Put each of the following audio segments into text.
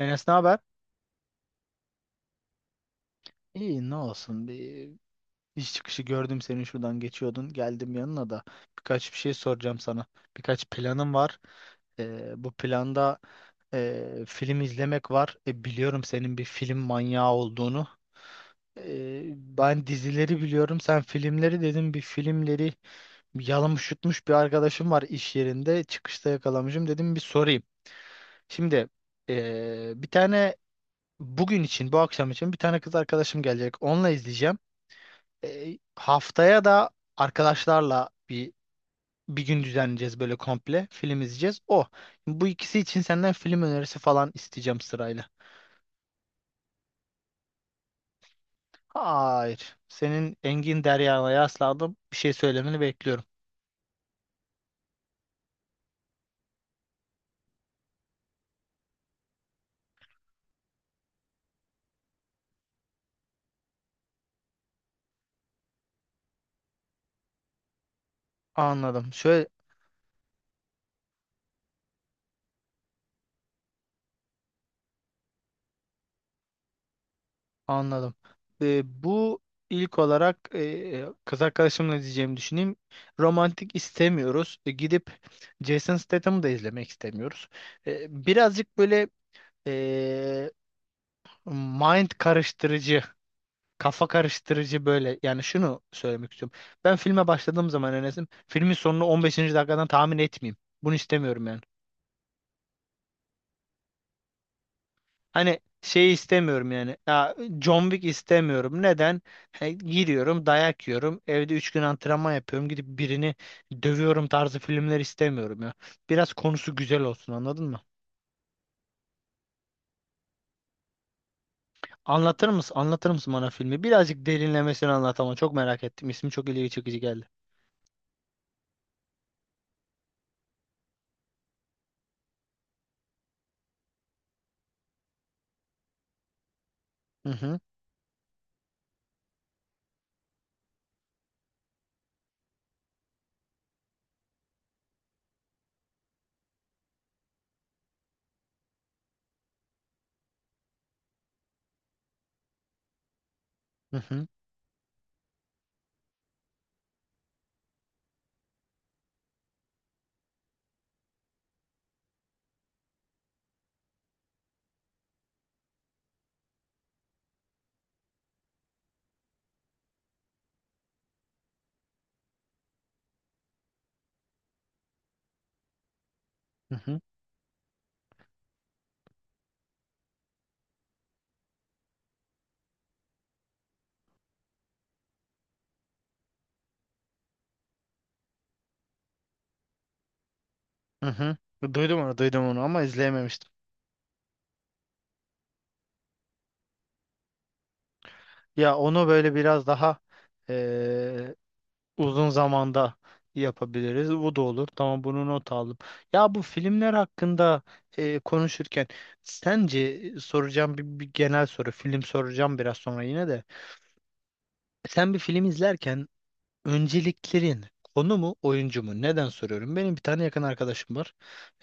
Enes ne haber? İyi ne olsun, bir iş çıkışı gördüm seni, şuradan geçiyordun, geldim yanına da birkaç bir şey soracağım sana, birkaç planım var. Bu planda film izlemek var. Biliyorum senin bir film manyağı olduğunu. Ben dizileri biliyorum, sen filmleri, dedim bir filmleri yalamış yutmuş bir arkadaşım var iş yerinde, çıkışta yakalamışım, dedim bir sorayım. Şimdi bir tane, bugün için, bu akşam için bir tane kız arkadaşım gelecek. Onunla izleyeceğim. Haftaya da arkadaşlarla bir gün düzenleyeceğiz böyle komple. Film izleyeceğiz. O. Bu ikisi için senden film önerisi falan isteyeceğim sırayla. Hayır. Senin Engin Derya'ya yasladım. Bir şey söylemeni bekliyorum. Anladım. Şöyle. Anladım. Bu ilk olarak kız arkadaşımla diyeceğimi düşüneyim. Romantik istemiyoruz. Gidip Jason Statham'ı da izlemek istemiyoruz. Birazcık böyle e, mind karıştırıcı, kafa karıştırıcı böyle. Yani şunu söylemek istiyorum. Ben filme başladığım zaman, Enes'im, filmin sonunu 15'inci dakikadan tahmin etmeyeyim. Bunu istemiyorum yani. Hani şey istemiyorum yani. Ya, John Wick istemiyorum. Neden? He, giriyorum, dayak yiyorum. Evde 3 gün antrenman yapıyorum. Gidip birini dövüyorum tarzı filmler istemiyorum ya. Biraz konusu güzel olsun, anladın mı? Anlatır mısın? Anlatır mısın bana filmi? Birazcık derinlemesine anlat ama çok merak ettim. İsmi çok ilgi çekici geldi. Hı hı hı hı hı hı. Hı hı. Duydum onu, duydum onu ama izleyememiştim. Ya onu böyle biraz daha uzun zamanda yapabiliriz. Bu da olur. Tamam, bunu not aldım. Ya bu filmler hakkında konuşurken sence soracağım bir genel soru. Film soracağım biraz sonra yine de. Sen bir film izlerken önceliklerin konu mu oyuncu mu? Neden soruyorum? Benim bir tane yakın arkadaşım var.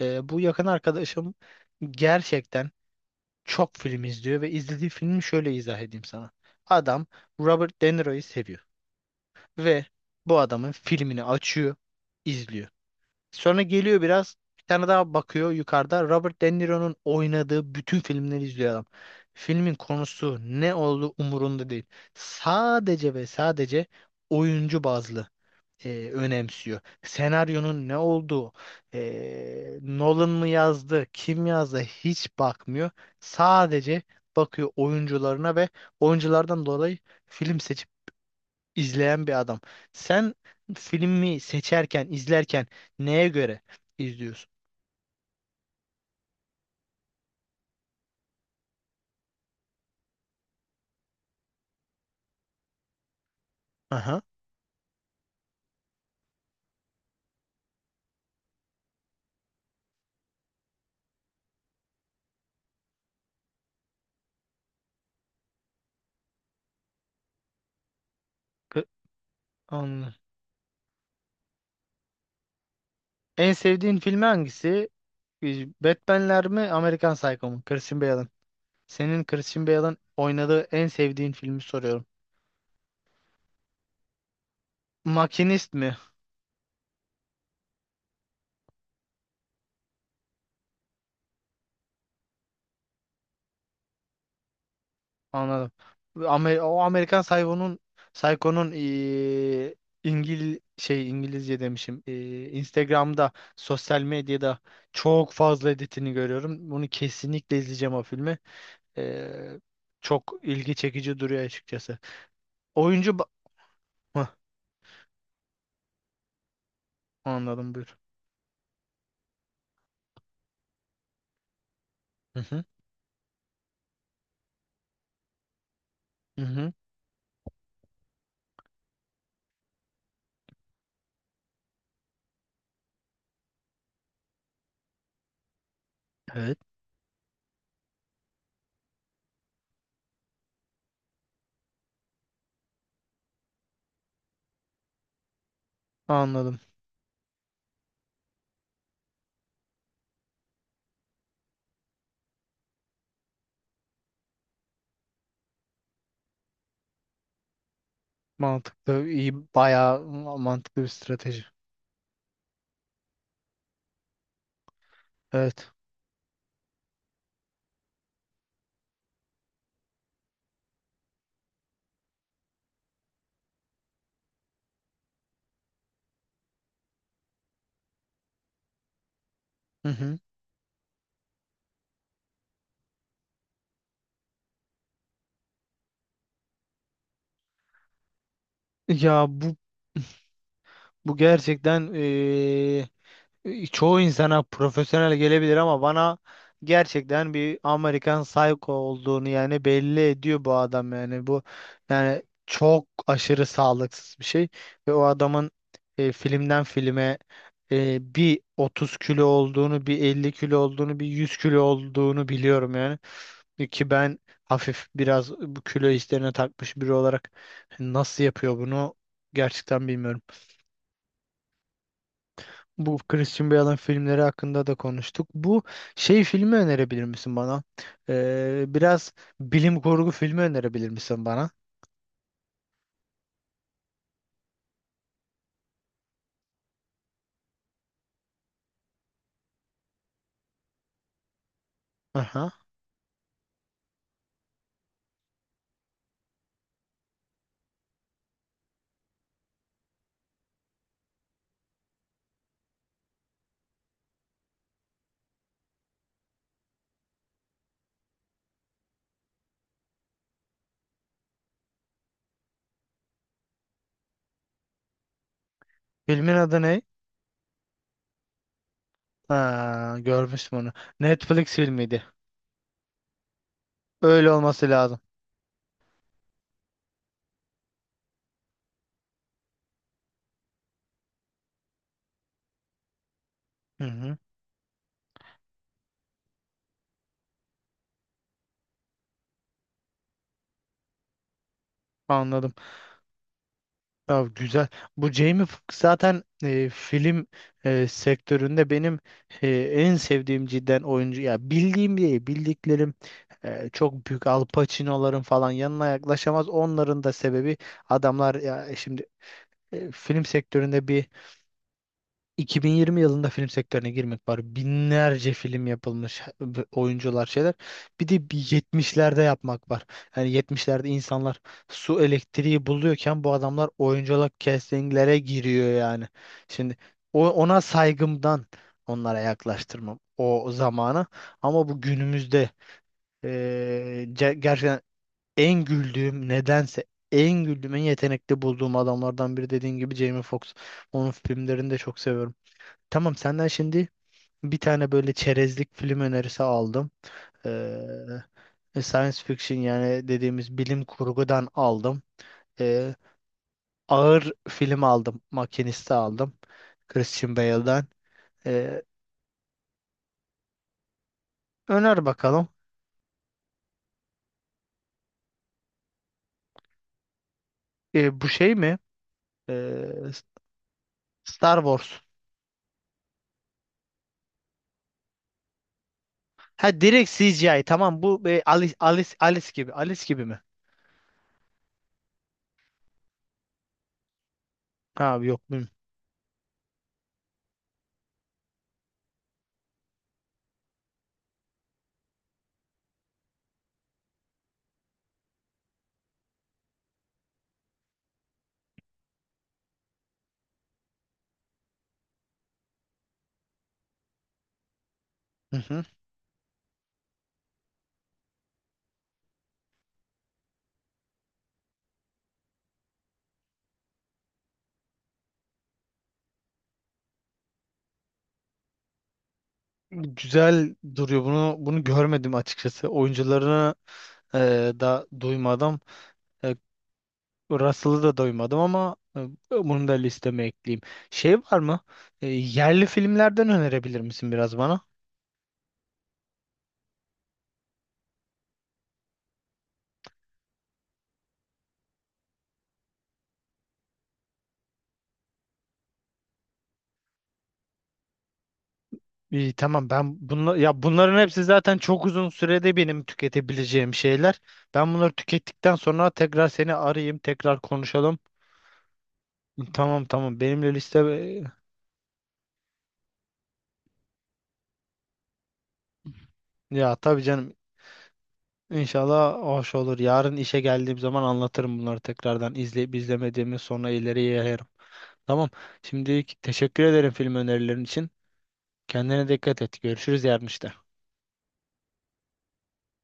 Bu yakın arkadaşım gerçekten çok film izliyor ve izlediği filmi şöyle izah edeyim sana. Adam Robert De Niro'yu seviyor ve bu adamın filmini açıyor, izliyor. Sonra geliyor biraz, bir tane daha bakıyor yukarıda. Robert De Niro'nun oynadığı bütün filmleri izliyor adam. Filmin konusu ne olduğu umurunda değil. Sadece ve sadece oyuncu bazlı önemsiyor. Senaryonun ne olduğu, Nolan mı yazdı, kim yazdı hiç bakmıyor. Sadece bakıyor oyuncularına ve oyunculardan dolayı film seçimi izleyen bir adam. Sen filmi seçerken, izlerken neye göre izliyorsun? Aha. K- Anladım. En sevdiğin filmi hangisi? Batman'ler mi, Amerikan Psycho mu? Christian Bale'ın. Senin Christian Bale'ın oynadığı en sevdiğin filmi soruyorum. Makinist mi? Anladım. O Amerikan Psycho'nun İngilizce demişim. Instagram'da, sosyal medyada çok fazla editini görüyorum. Bunu kesinlikle izleyeceğim, o filmi. Eee, çok ilgi çekici duruyor açıkçası. Oyuncu ba- Hıh, anladım, buyur. Hı hı. Hı hı. Evet. Anladım. Mantıklı, iyi, bayağı mantıklı bir strateji. Evet. Hı hı. Ya bu gerçekten çoğu insana profesyonel gelebilir ama bana gerçekten bir Amerikan Psycho olduğunu yani belli ediyor bu adam, yani bu, yani çok aşırı sağlıksız bir şey ve o adamın filmden filme bir 30 kilo olduğunu, bir 50 kilo olduğunu, bir 100 kilo olduğunu biliyorum yani. Ki ben hafif biraz bu kilo işlerine takmış biri olarak nasıl yapıyor bunu gerçekten bilmiyorum. Bu Christian Bale'ın filmleri hakkında da konuştuk. Bu şey filmi önerebilir misin bana? Biraz bilim kurgu filmi önerebilir misin bana? Aha. Filmin adı ne? Ha, görmüştüm onu. Netflix filmiydi. Öyle olması lazım. Hı hı, anladım. Ya güzel. Bu Jamie Foxx zaten film sektöründe benim en sevdiğim cidden oyuncu. Ya bildiğim değil, bildiklerim çok büyük Al Pacino'ların falan yanına yaklaşamaz. Onların da sebebi, adamlar ya şimdi film sektöründe bir 2020 yılında film sektörüne girmek var. Binlerce film yapılmış, oyuncular, şeyler. Bir de bir 70'lerde yapmak var. Yani 70'lerde insanlar su elektriği buluyorken bu adamlar oyunculuk castinglere giriyor yani. Şimdi ona saygımdan onlara yaklaştırmam o zamanı. Ama bu günümüzde gerçekten en güldüğüm, nedense en güldüğüm, en yetenekli bulduğum adamlardan biri dediğin gibi Jamie Foxx. Onun filmlerini de çok seviyorum. Tamam, senden şimdi bir tane böyle çerezlik film önerisi aldım. Science fiction yani dediğimiz bilim kurgudan aldım. Ee, ağır film aldım. Makinist'i aldım. Christian Bale'dan. Ee, öner bakalım. Bu şey mi? Ee, Star Wars. Ha direkt CGI. Tamam, bu Alice, Alice, Alice gibi. Alice gibi mi? Ha yok. Bilmiyorum. Güzel duruyor. Bunu görmedim açıkçası. Oyuncularını e, da duymadım. E, Russell'ı da duymadım ama bunu da listeme ekleyeyim. Şey var mı? Yerli filmlerden önerebilir misin biraz bana? İyi, tamam, ben bunla, ya bunların hepsi zaten çok uzun sürede benim tüketebileceğim şeyler. Ben bunları tükettikten sonra tekrar seni arayayım, tekrar konuşalım. Tamam tamam, benimle liste ya tabii canım. İnşallah hoş olur. Yarın işe geldiğim zaman anlatırım bunları tekrardan. İzleyip izlemediğimi sonra ileriye yayarım. Tamam. Şimdilik teşekkür ederim film önerilerin için. Kendine dikkat et. Görüşürüz yarın işte.